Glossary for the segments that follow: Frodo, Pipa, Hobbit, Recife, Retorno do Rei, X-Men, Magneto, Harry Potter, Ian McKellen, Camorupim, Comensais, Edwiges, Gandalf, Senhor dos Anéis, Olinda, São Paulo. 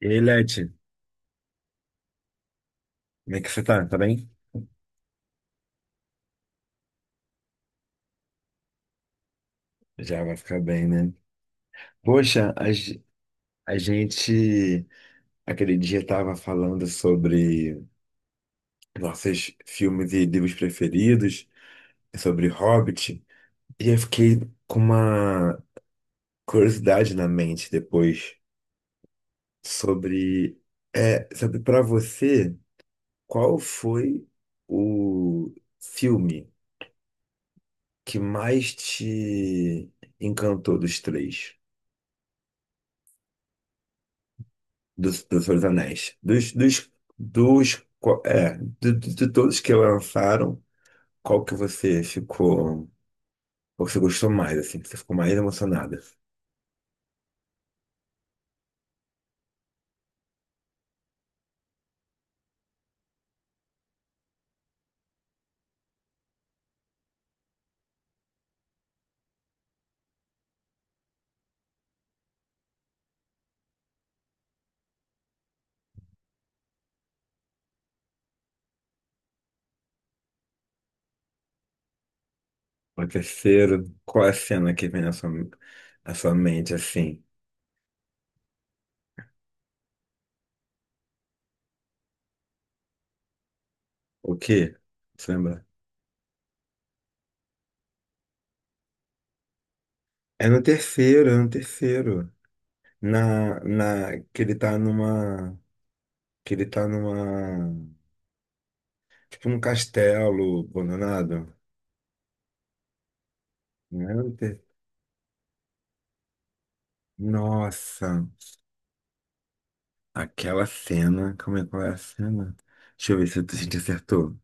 E aí, Leti, como é que você tá? Tá bem? Já vai ficar bem, né? Poxa, a gente aquele dia tava falando sobre nossos filmes e livros preferidos, sobre Hobbit, e eu fiquei com uma curiosidade na mente depois sobre, sobre para você, qual foi o filme que mais te encantou dos três? Do Senhor dos Anéis. Dos, dos, dos, co- é, de todos que lançaram, qual que você ficou, qual você gostou mais, assim, que você ficou mais emocionada? O terceiro, qual é a cena que vem na sua mente, assim? O quê? Você lembra? É no terceiro. Na, na, que ele tá numa, que ele tá numa, tipo num castelo abandonado. Não é no ter- Nossa. Aquela cena. Como é qual é a cena? Deixa eu ver se a gente acertou.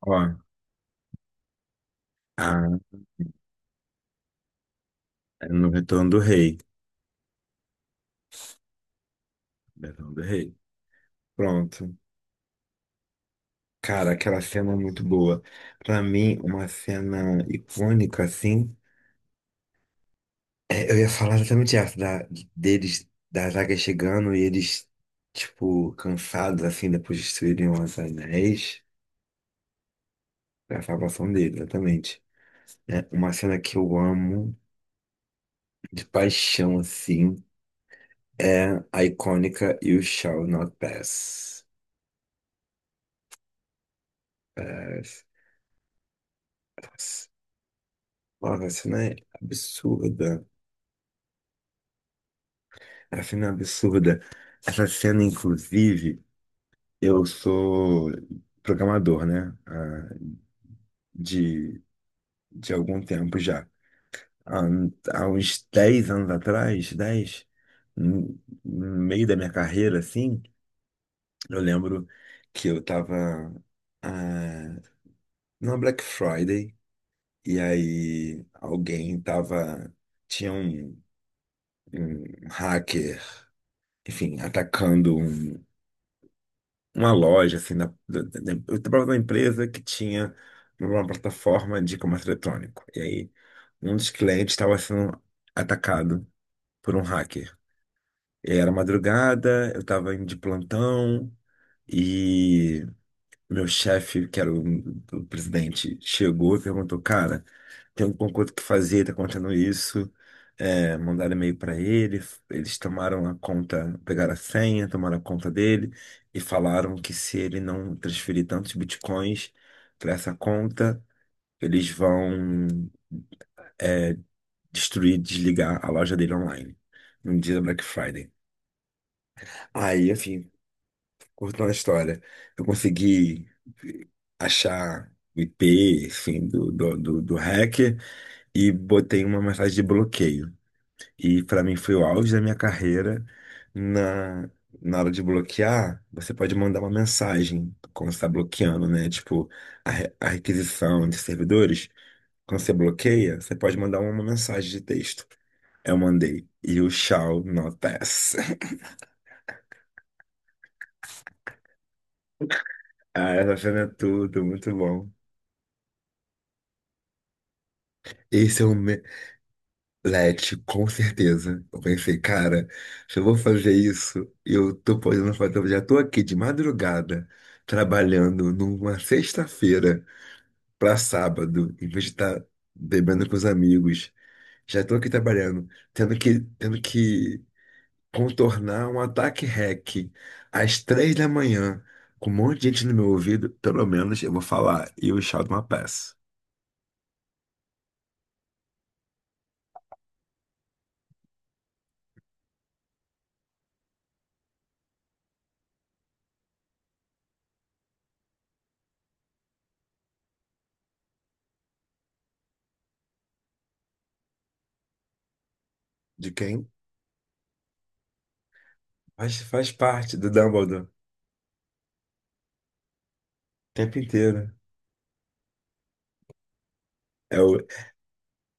Ó, ah, é no Retorno do Rei. Retorno do Rei. Pronto. Cara, aquela cena é muito boa. Pra mim, uma cena icônica, assim. Eu ia falar exatamente essa, deles, da zaga chegando e eles, tipo, cansados, assim, depois de destruírem os anéis. É a salvação deles, exatamente. É uma cena que eu amo de paixão, assim. É a icônica You Shall Not Pass. Pass. Pass. Nossa, a cena é absurda. A cena é absurda. Essa cena, inclusive, eu sou programador, né? De, de algum tempo já. Há uns 10 anos atrás, 10 no no meio da minha carreira, assim, eu lembro que eu tava ah, numa Black Friday. E aí alguém tava. Tinha um hacker, enfim, atacando um- uma loja, assim, na, da, da, da- eu trabalhava numa empresa que tinha uma plataforma de comércio eletrônico. E aí um dos clientes estava sendo atacado por um hacker. E era madrugada, eu estava indo de plantão e meu chefe, que era o presidente, chegou e perguntou, cara. Tem alguma coisa que fazer, tá acontecendo isso. É, mandaram e-mail para ele, eles tomaram a conta, pegaram a senha, tomaram a conta dele e falaram que se ele não transferir tantos bitcoins para essa conta, eles vão destruir, desligar a loja dele online no dia da Black Friday. Aí, enfim, cortando a história, eu consegui achar o IP, enfim, do hacker e botei uma mensagem de bloqueio. E para mim foi o auge da minha carreira. Na, na hora de bloquear, você pode mandar uma mensagem quando você está bloqueando, né? Tipo, a requisição entre servidores. Quando você bloqueia, você pode mandar uma mensagem de texto. Eu mandei. You shall not pass. Ah, essa cena é tudo, muito bom. Esse é o, me- Let, com certeza. Eu pensei, cara, se eu vou fazer isso, eu tô podendo fazer, eu já tô aqui de madrugada, trabalhando numa sexta-feira pra sábado, em vez de estar bebendo com os amigos. Já tô aqui trabalhando, tendo que contornar um ataque hack às 3 da manhã, com um monte de gente no meu ouvido, pelo menos eu vou falar, You Shall Not Pass. De quem? Faz parte do Dumbledore, o tempo inteiro.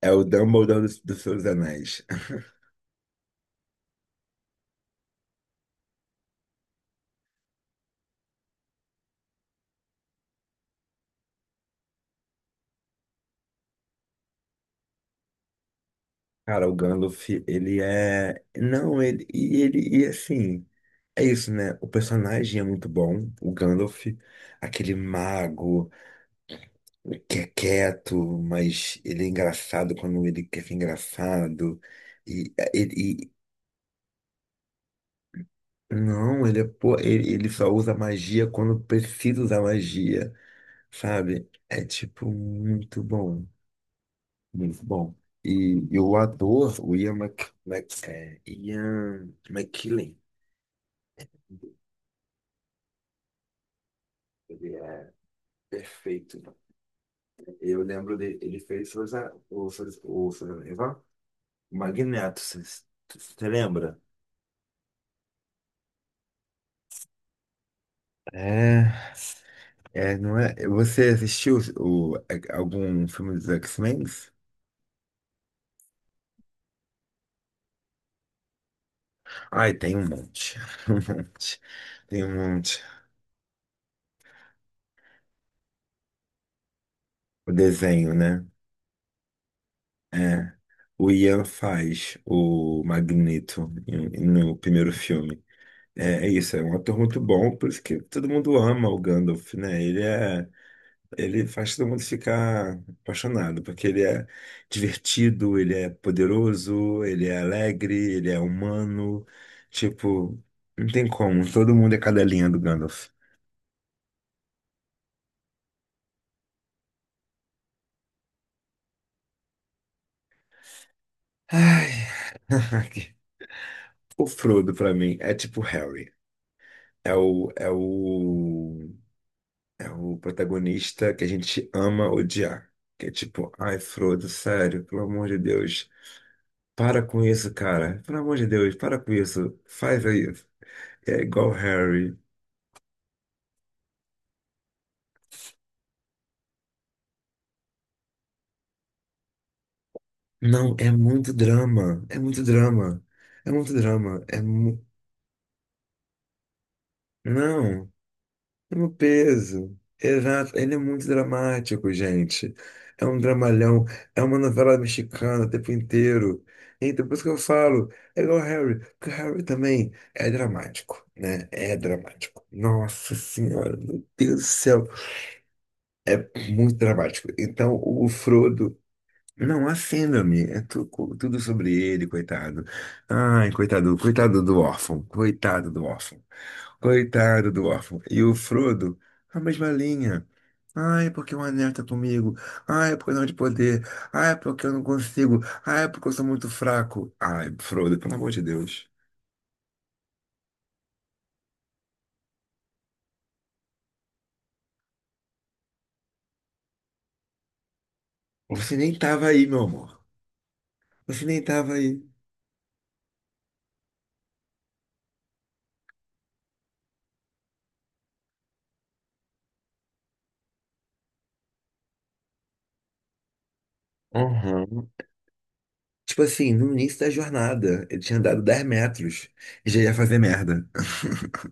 É o Dumbledore dos, dos Seus Anéis. Cara, o Gandalf, ele é. Não, ele. E ele. E assim. É isso, né? O personagem é muito bom. O Gandalf, aquele mago que é quieto, mas ele é engraçado quando ele quer ser engraçado. E é, ele. Não, ele é. Pô, ele só usa magia quando precisa usar magia, sabe? É tipo muito bom. Muito bom. E o ator, o Ian, Mc, Mc- é, Ian McKellen, ele é perfeito. Eu lembro dele, ele fez o Magneto, você lembra? É. É, não é? Você assistiu algum filme dos X-Men? Ai, tem um monte. Um monte. Tem um monte. O desenho, né? É, o Ian faz o Magneto em- no primeiro filme. É, é isso, é um ator muito bom, por isso que todo mundo ama o Gandalf, né? Ele é, ele faz todo mundo ficar apaixonado, porque ele é divertido, ele é poderoso, ele é alegre, ele é humano. Tipo, não tem como, todo mundo é cadelinha do Gandalf. Ai, o Frodo pra mim é tipo Harry. É o, é o É o protagonista que a gente ama odiar. Que é tipo, ai, Frodo, sério, pelo amor de Deus. Para com isso, cara. Pelo amor de Deus, para com isso. Faz aí. É igual Harry. Não, é muito drama. É muito drama. É muito drama. É mu... Não. Pro peso. Exato. Ele é muito dramático, gente. É um dramalhão. É uma novela mexicana o tempo inteiro. Então, por isso que eu falo, é igual Harry, porque Harry também é dramático, né? É dramático. Nossa Senhora, meu Deus do céu. É muito dramático. Então, o Frodo. Não, há síndrome, tudo sobre ele, coitado. Ai, coitado do órfão, coitado do órfão. Coitado do órfão. E o Frodo, a mesma linha. Ai, porque o anel tá comigo. Ai, porque eu não de poder. Ai, porque eu não consigo. Ai, porque eu sou muito fraco. Ai, Frodo, pelo amor de Deus. Você nem tava aí, meu amor. Você nem tava aí. Uhum. Tipo assim, no início da jornada, ele tinha andado 10 metros e já ia fazer merda.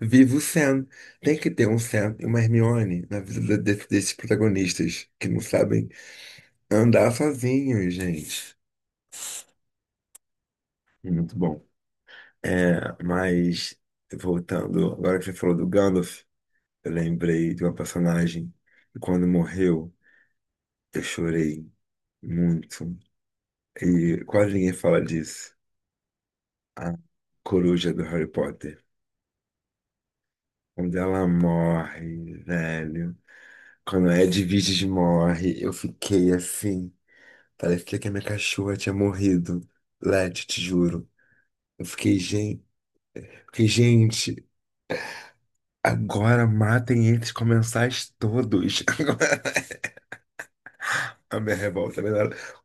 Viva o Sam. Tem que ter um Sam e uma Hermione na vida de- desses protagonistas que não sabem andar sozinhos, gente. Muito bom. É, mas, voltando, agora que você falou do Gandalf, eu lembrei de uma personagem que quando morreu, eu chorei muito. E quase ninguém fala disso. A coruja do Harry Potter. Quando ela morre, velho. Quando a Edwiges morre, eu fiquei assim. Parecia que a minha cachorra tinha morrido. Led, te juro. Eu fiquei, gente. Fiquei, gente. Agora matem eles comensais todos. A minha revolta, né?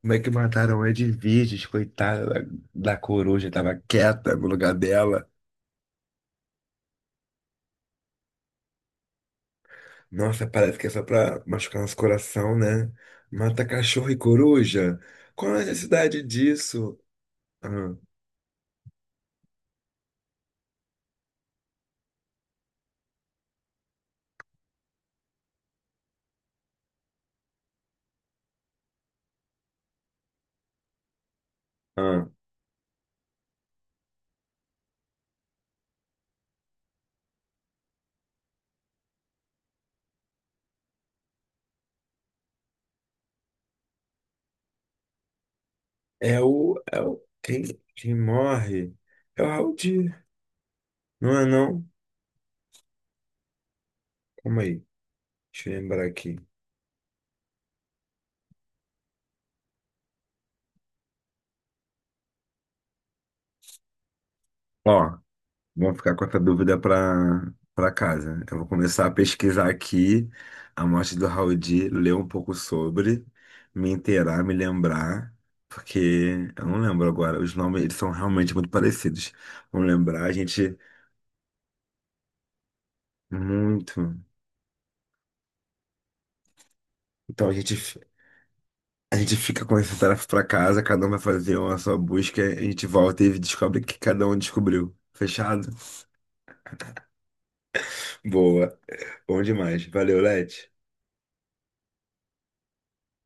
Como é que mataram Edviges, coitada da coruja, tava quieta no lugar dela. Nossa, parece que é só pra machucar nosso coração, né? Mata cachorro e coruja? Qual a necessidade disso? Ah, ah. É o, é o, quem, quem morre é o Raul Dias, não é não? Calma aí, deixa eu lembrar aqui. Ó. Vamos ficar com essa dúvida para para casa. Eu vou começar a pesquisar aqui a morte do Raul Di, ler um pouco sobre, me inteirar, me lembrar, porque eu não lembro agora. Os nomes eles são realmente muito parecidos. Vamos lembrar, a gente muito. Então a gente fi- a gente fica com essa tarefa para casa, cada um vai fazer uma sua busca, a gente volta e descobre o que cada um descobriu. Fechado? Boa. Bom demais. Valeu, Leti.